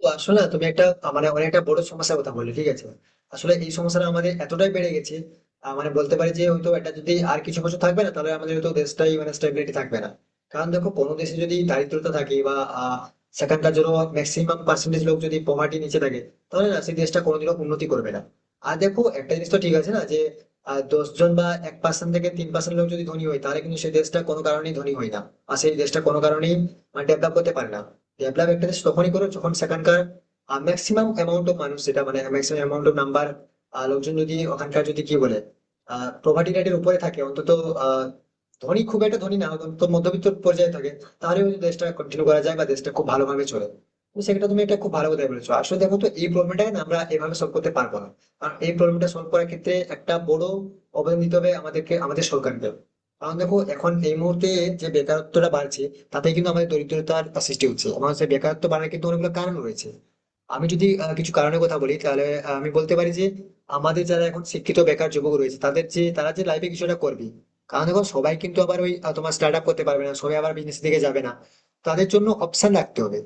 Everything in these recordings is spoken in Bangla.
তো আসলে না তুমি একটা মানে অনেক একটা বড় সমস্যার কথা বললে, ঠিক আছে। আসলে এই সমস্যাটা আমাদের এতটাই বেড়ে গেছে, মানে বলতে পারি যে হয়তো এটা যদি আর কিছু বছর থাকবে না তাহলে আমাদের হয়তো দেশটাই মানে স্টেবিলিটি থাকবে না। কারণ দেখো, কোনো দেশে যদি দারিদ্রতা থাকে বা আহ, সেখানকার জন্য ম্যাক্সিমাম পার্সেন্টেজ লোক যদি পভার্টি নিচে থাকে, তাহলে না সেই দেশটা কোনোদিনও উন্নতি করবে না। আর দেখো, একটা জিনিস তো ঠিক আছে না যে 10 জন বা 1% থেকে 3% লোক যদি ধনী হয় তাহলে কিন্তু সেই দেশটা কোনো কারণেই ধনী হয় না, আর সেই দেশটা কোনো কারণেই ডেভেলপ করতে পারে না। ডেভেলপ একটা দেশ তখনই করো যখন সেখানকার ম্যাক্সিমাম অ্যামাউন্ট অফ মানুষ, যেটা মানে ম্যাক্সিমাম অ্যামাউন্ট অফ নাম্বার লোকজন যদি ওখানকার যদি কি বলে প্রভার্টি রেটের উপরে থাকে, অন্তত আহ, ধনী, খুব একটা ধনী না, অন্তত মধ্যবিত্ত পর্যায়ে থাকে, তাহলে ওই দেশটা কন্টিনিউ করা যায় বা দেশটা খুব ভালোভাবে চলে। তো সেটা তুমি একটা খুব ভালো কথা বলেছো। আসলে দেখো তো, এই প্রবলেমটাকে না আমরা এভাবে সলভ করতে পারবো না, কারণ এই প্রবলেমটা সলভ করার ক্ষেত্রে একটা বড় অবদান দিতে হবে আমাদেরকে, আমাদের সরকারকে। কারণ দেখো, এখন এই মুহূর্তে যে বেকারত্বটা বাড়ছে তাতে কিন্তু আমাদের দরিদ্রতার সৃষ্টি হচ্ছে, এবং সেই বেকারত্ব বাড়ার কিন্তু অনেকগুলো কারণ রয়েছে। আমি যদি কিছু কারণের কথা বলি তাহলে আমি বলতে পারি যে আমাদের যারা এখন শিক্ষিত বেকার যুবক রয়েছে তাদের যে তারা যে লাইফে কিছুটা করবে। কারণ দেখো, সবাই কিন্তু আবার ওই তোমার স্টার্ট আপ করতে পারবে না, সবাই আবার বিজনেস দিকে যাবে না। তাদের জন্য অপশন রাখতে হবে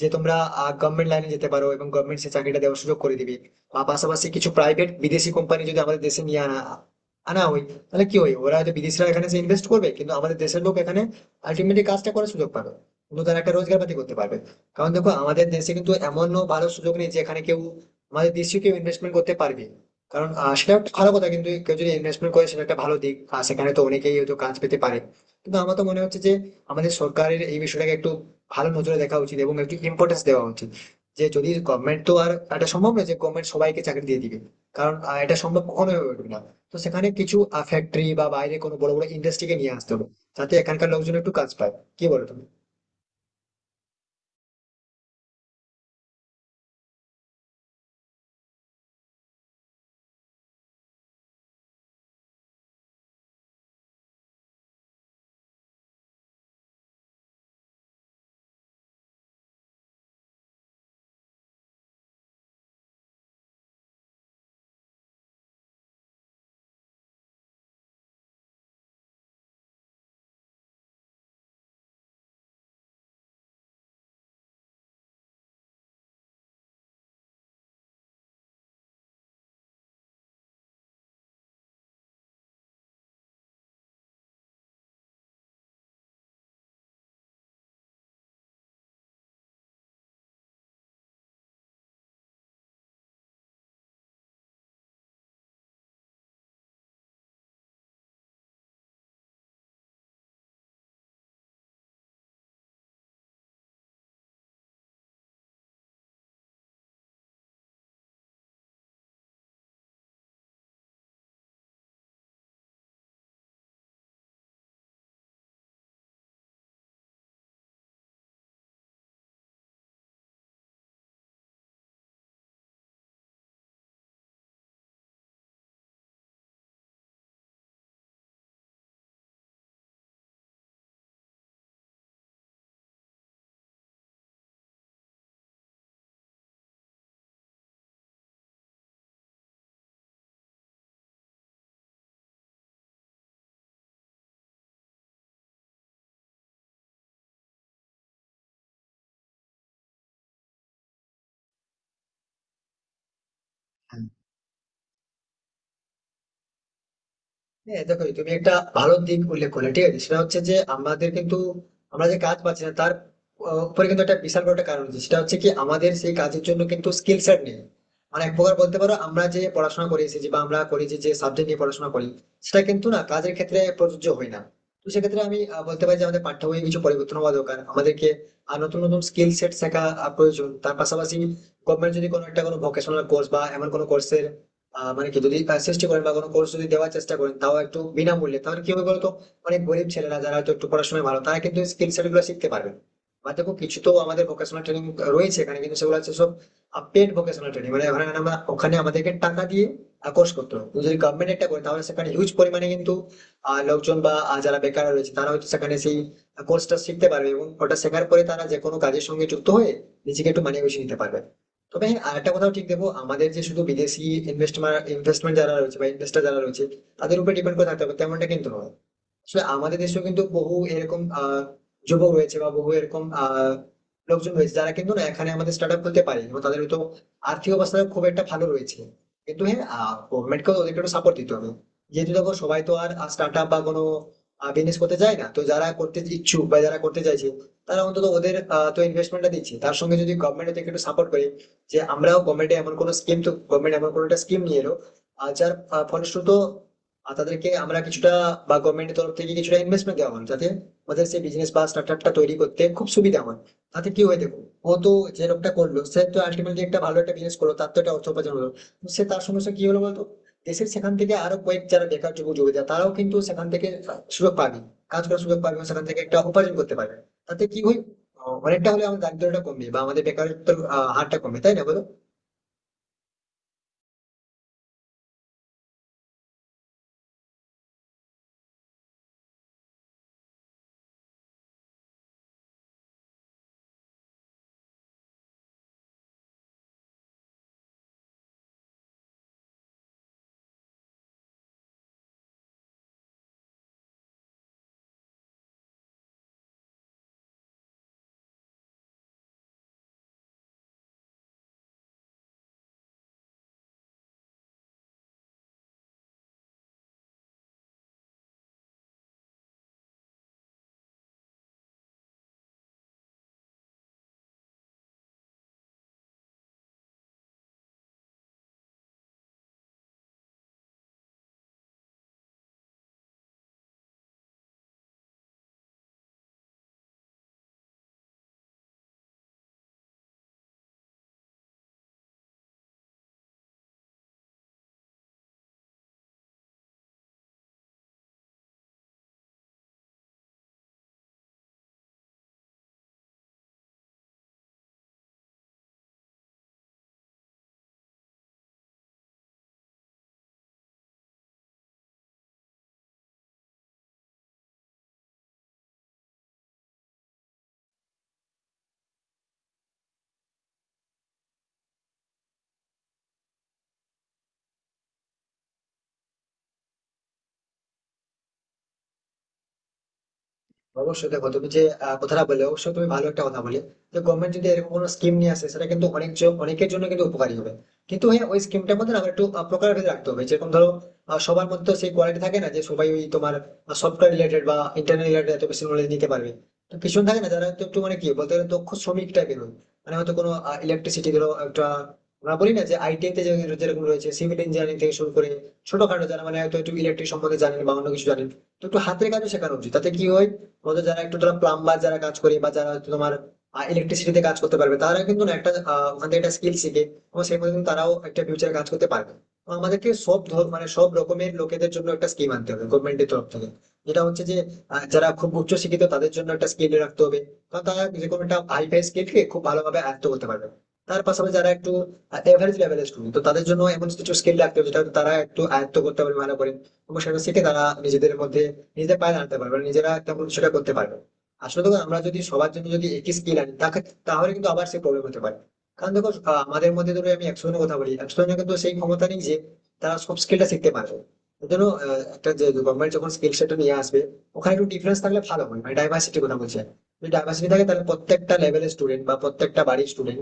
যে তোমরা গভর্নমেন্ট লাইনে যেতে পারো, এবং গভর্নমেন্ট সে চাকরিটা দেওয়ার সুযোগ করে দিবে। বা পাশাপাশি কিছু প্রাইভেট বিদেশি কোম্পানি যদি আমাদের দেশে নিয়ে আনা আনা হয়, তাহলে কি হয়, ওরা হয়তো বিদেশিরা এখানে এসে ইনভেস্ট করবে, কিন্তু আমাদের দেশের লোক এখানে আলটিমেটলি কাজটা করার সুযোগ পাবে, কিন্তু তারা একটা রোজগার পাতি করতে পারবে। কারণ দেখো, আমাদের দেশে কিন্তু এমনও ভালো সুযোগ নেই যে এখানে কেউ আমাদের দেশীয় কেউ ইনভেস্টমেন্ট করতে পারবে। কারণ সেটা একটা ভালো কথা, কিন্তু কেউ যদি ইনভেস্টমেন্ট করে সেটা একটা ভালো দিক, আর সেখানে তো অনেকেই হয়তো কাজ পেতে পারে। কিন্তু আমার তো মনে হচ্ছে যে আমাদের সরকারের এই বিষয়টাকে একটু ভালো নজরে দেখা উচিত এবং একটু ইম্পর্টেন্স দেওয়া উচিত। যে যদি গভর্নমেন্ট, তো আর এটা সম্ভব নয় যে গভর্নমেন্ট সবাইকে চাকরি দিয়ে দিবে, কারণ এটা সম্ভব কখনোই হয়ে উঠবে না। তো সেখানে কিছু ফ্যাক্টরি বা বাইরে কোনো বড় বড় ইন্ডাস্ট্রিকে নিয়ে আসতে হবে, যাতে এখানকার লোকজন একটু কাজ পায়। কি বলো তুমি? হ্যাঁ। হ্যাঁ, দেখো তুমি একটা ভালো দিক উল্লেখ করলে, ঠিক আছে। সেটা হচ্ছে যে আমাদের কিন্তু, আমরা যে কাজ পাচ্ছি না তার উপরে কিন্তু একটা বিশাল বড় একটা কারণ আছে, সেটা হচ্ছে কি আমাদের সেই কাজের জন্য কিন্তু স্কিল সেট নেই। মানে এক প্রকার বলতে পারো, আমরা যে পড়াশোনা করে এসেছি বা আমরা করি যে সাবজেক্ট নিয়ে পড়াশোনা করি, সেটা কিন্তু না কাজের ক্ষেত্রে প্রযোজ্য হয় না। তো সেক্ষেত্রে আমি বলতে পারি যে আমাদের পাঠ্য বইয়ে কিছু পরিবর্তন হওয়া দরকার আমাদেরকে, আর নতুন নতুন স্কিল সেট শেখা প্রয়োজন। তার পাশাপাশি গভর্নমেন্ট যদি কোনো একটা কোনো ভোকেশনাল কোর্স বা এমন কোনো কোর্সের মানে কি যদি চেষ্টা করেন বা কোনো কোর্স যদি দেওয়ার চেষ্টা করেন, তাও একটু বিনামূল্যে, তাহলে কি হবে বলতো, অনেক গরিব ছেলেরা যারা হয়তো একটু পড়াশোনায় ভালো তারা কিন্তু স্কিল সেট গুলো শিখতে পারবে। বা দেখো, কিছু তো আমাদের ভোকেশনাল ট্রেনিং রয়েছে এখানে, কিন্তু সেগুলো হচ্ছে সব পেড ভোকেশনাল ট্রেনিং, মানে ওখানে আমরা ওখানে আমাদেরকে টাকা দিয়ে কোর্স করতে হবে। তুমি যদি গভর্নমেন্ট একটা করে, তাহলে সেখানে হিউজ পরিমাণে কিন্তু লোকজন বা যারা বেকার রয়েছে তারা হয়তো সেখানে সেই কোর্সটা শিখতে পারবে, এবং ওটা শেখার পরে তারা যে কোনো কাজের সঙ্গে যুক্ত হয়ে নিজেকে একটু মানিয়ে গুছিয়ে নিতে পারবে। তবে হ্যাঁ, আরেকটা কথাও ঠিক দেবো, আমাদের যে শুধু বিদেশি ইনভেস্টমেন্ট ইনভেস্টমেন্ট যারা রয়েছে বা ইনভেস্টর যারা রয়েছে তাদের উপর ডিপেন্ড করে থাকতে হবে তেমনটা কিন্তু নয়। আসলে আমাদের দেশেও কিন্তু বহু এরকম যুবক রয়েছে বা বহু এরকম লোকজন রয়েছে যারা কিন্তু না এখানে আমাদের স্টার্ট আপ খুলতে পারে, এবং তাদের হয়তো আর্থিক অবস্থা খুব একটা ভালো রয়েছে। কিন্তু হ্যাঁ, গভর্নমেন্টকেও ওদেরকে একটু সাপোর্ট দিতে হবে, যেহেতু দেখো সবাই তো আর স্টার্ট আপ বা কোনো বিজনেস করতে যায় না। তো যারা করতে ইচ্ছুক বা যারা করতে চাইছে, তারা অন্তত ওদের তো ইনভেস্টমেন্টটা দিচ্ছে, তার সঙ্গে যদি গভর্নমেন্ট ওদেরকে একটু সাপোর্ট করে, যে আমরাও গভর্নমেন্টে এমন কোনো স্কিম, তো গভর্নমেন্ট এমন কোনো একটা স্কিম নিয়ে এলো আর যার ফলশ্রুত আর তাদেরকে আমরা কিছুটা বা গভর্নমেন্টের তরফ থেকে কিছুটা ইনভেস্টমেন্ট দেওয়া হলো, যাতে ওদের সেই বিজনেস বা স্টার্টআপটা তৈরি করতে খুব সুবিধা হয়। তাতে কি হয় দেখো, ও তো, যে লোকটা করলো সে তো আলটিমেটলি একটা ভালো একটা বিজনেস করলো, তার তো একটা অর্থ উপার্জন হলো। তো সে, তার সমস্যা কি হলো বলতো, দেশের সেখান থেকে আরো কয়েক যারা বেকার যুবক যুবতী তারাও কিন্তু সেখান থেকে সুযোগ পাবে, কাজ করার সুযোগ পাবে, এবং সেখান থেকে একটা উপার্জন করতে পারবে। তাতে কি হয়, অনেকটা হলে আমাদের দারিদ্রটা কমবে বা আমাদের বেকারত্বের হারটা কমবে, তাই না বলো? অবশ্যই। দেখো, তুমি যে কথাটা বলে অবশ্যই তুমি ভালো একটা কথা বলে, যে গভর্নমেন্ট যদি এরকম কোনো স্কিম নিয়ে আসে সেটা কিন্তু অনেক অনেকের জন্য কিন্তু উপকারী হবে। কিন্তু হ্যাঁ, ওই স্কিমটার মধ্যে না আমার একটু প্রকার ভেদ রাখতে হবে। যেরকম ধরো, সবার মধ্যে সেই কোয়ালিটি থাকে না যে সবাই ওই তোমার সফটওয়্যার রিলেটেড বা ইন্টারনেট রিলেটেড এত বেশি নলেজ নিতে পারবে। তো কিছু থাকে না যারা একটু একটু মানে কি বলতে গেলে দক্ষ শ্রমিক টাইপের হয়, মানে হয়তো কোনো ইলেকট্রিসিটি ধরো একটা, আমরা বলি না যে আইটিআই তে যেরকম রয়েছে সিভিল ইঞ্জিনিয়ারিং থেকে শুরু করে ছোটখাটো যারা মানে হয়তো একটু ইলেকট্রিক সম্বন্ধে জানেন বা অন্য কিছু জানেন, তো একটু হাতের কাজও শেখানো উচিত। তাতে কি হয়, আমাদের যারা একটু ধরো প্লাম্বার যারা কাজ করে বা যারা হয়তো তোমার ইলেকট্রিসিটিতে কাজ করতে পারবে, তারা কিন্তু না একটা ওখান থেকে একটা স্কিল শিখে এবং সেই মতো কিন্তু তারাও একটা ফিউচারে কাজ করতে পারবে। তো আমাদেরকে সব মানে সব রকমের লোকেদের জন্য একটা স্কিম আনতে হবে গভর্নমেন্টের তরফ থেকে। যেটা হচ্ছে যে যারা খুব উচ্চ শিক্ষিত তাদের জন্য একটা স্কিল রাখতে হবে, কারণ তারা যে কোনো একটা হাইফাই স্কিলকে খুব ভালোভাবে আয়ত্ত করতে পারবে। তার পাশাপাশি যারা একটু এভারেজ লেভেলের স্টুডেন্ট, তো তাদের জন্য এমন কিছু স্কিল রাখতে হবে যেটা হয়তো তারা একটু আয়ত্ত করতে পারবে ভালো করে, এবং সেটা শিখে তারা নিজেদের মধ্যে নিজেদের পায়ে দাঁড়াতে পারবে, নিজেরা তখন সেটা করতে পারবে। আসলে দেখো, আমরা যদি সবার জন্য যদি একই স্কিল আনি তাকে, তাহলে কিন্তু আবার সে প্রবলেম হতে পারে। কারণ দেখো আমাদের মধ্যে ধরো আমি 100 জনের কথা বলি, 100 জনের কিন্তু সেই ক্ষমতা নেই যে তারা সব স্কিলটা শিখতে পারবে। এর জন্য একটা যে গভর্নমেন্ট যখন স্কিল সেটা নিয়ে আসবে, ওখানে একটু ডিফারেন্স থাকলে ভালো হয়, মানে ডাইভার্সিটির কথা বলছি আমি। যদি ডাইভার্সিটি থাকে তাহলে প্রত্যেকটা লেভেলের স্টুডেন্ট বা প্রত্যেকটা বাড়ির স্টুডেন্ট,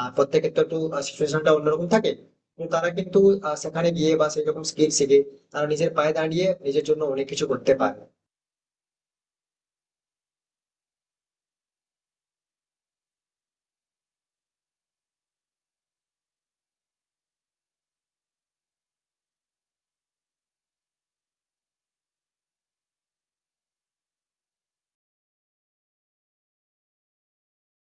আর প্রত্যেকের তো একটু সিচুয়েশনটা অন্যরকম থাকে, তো তারা কিন্তু সেখানে গিয়ে বা সেই রকম স্কিল শিখে তারা নিজের পায়ে দাঁড়িয়ে নিজের জন্য অনেক কিছু করতে পারে।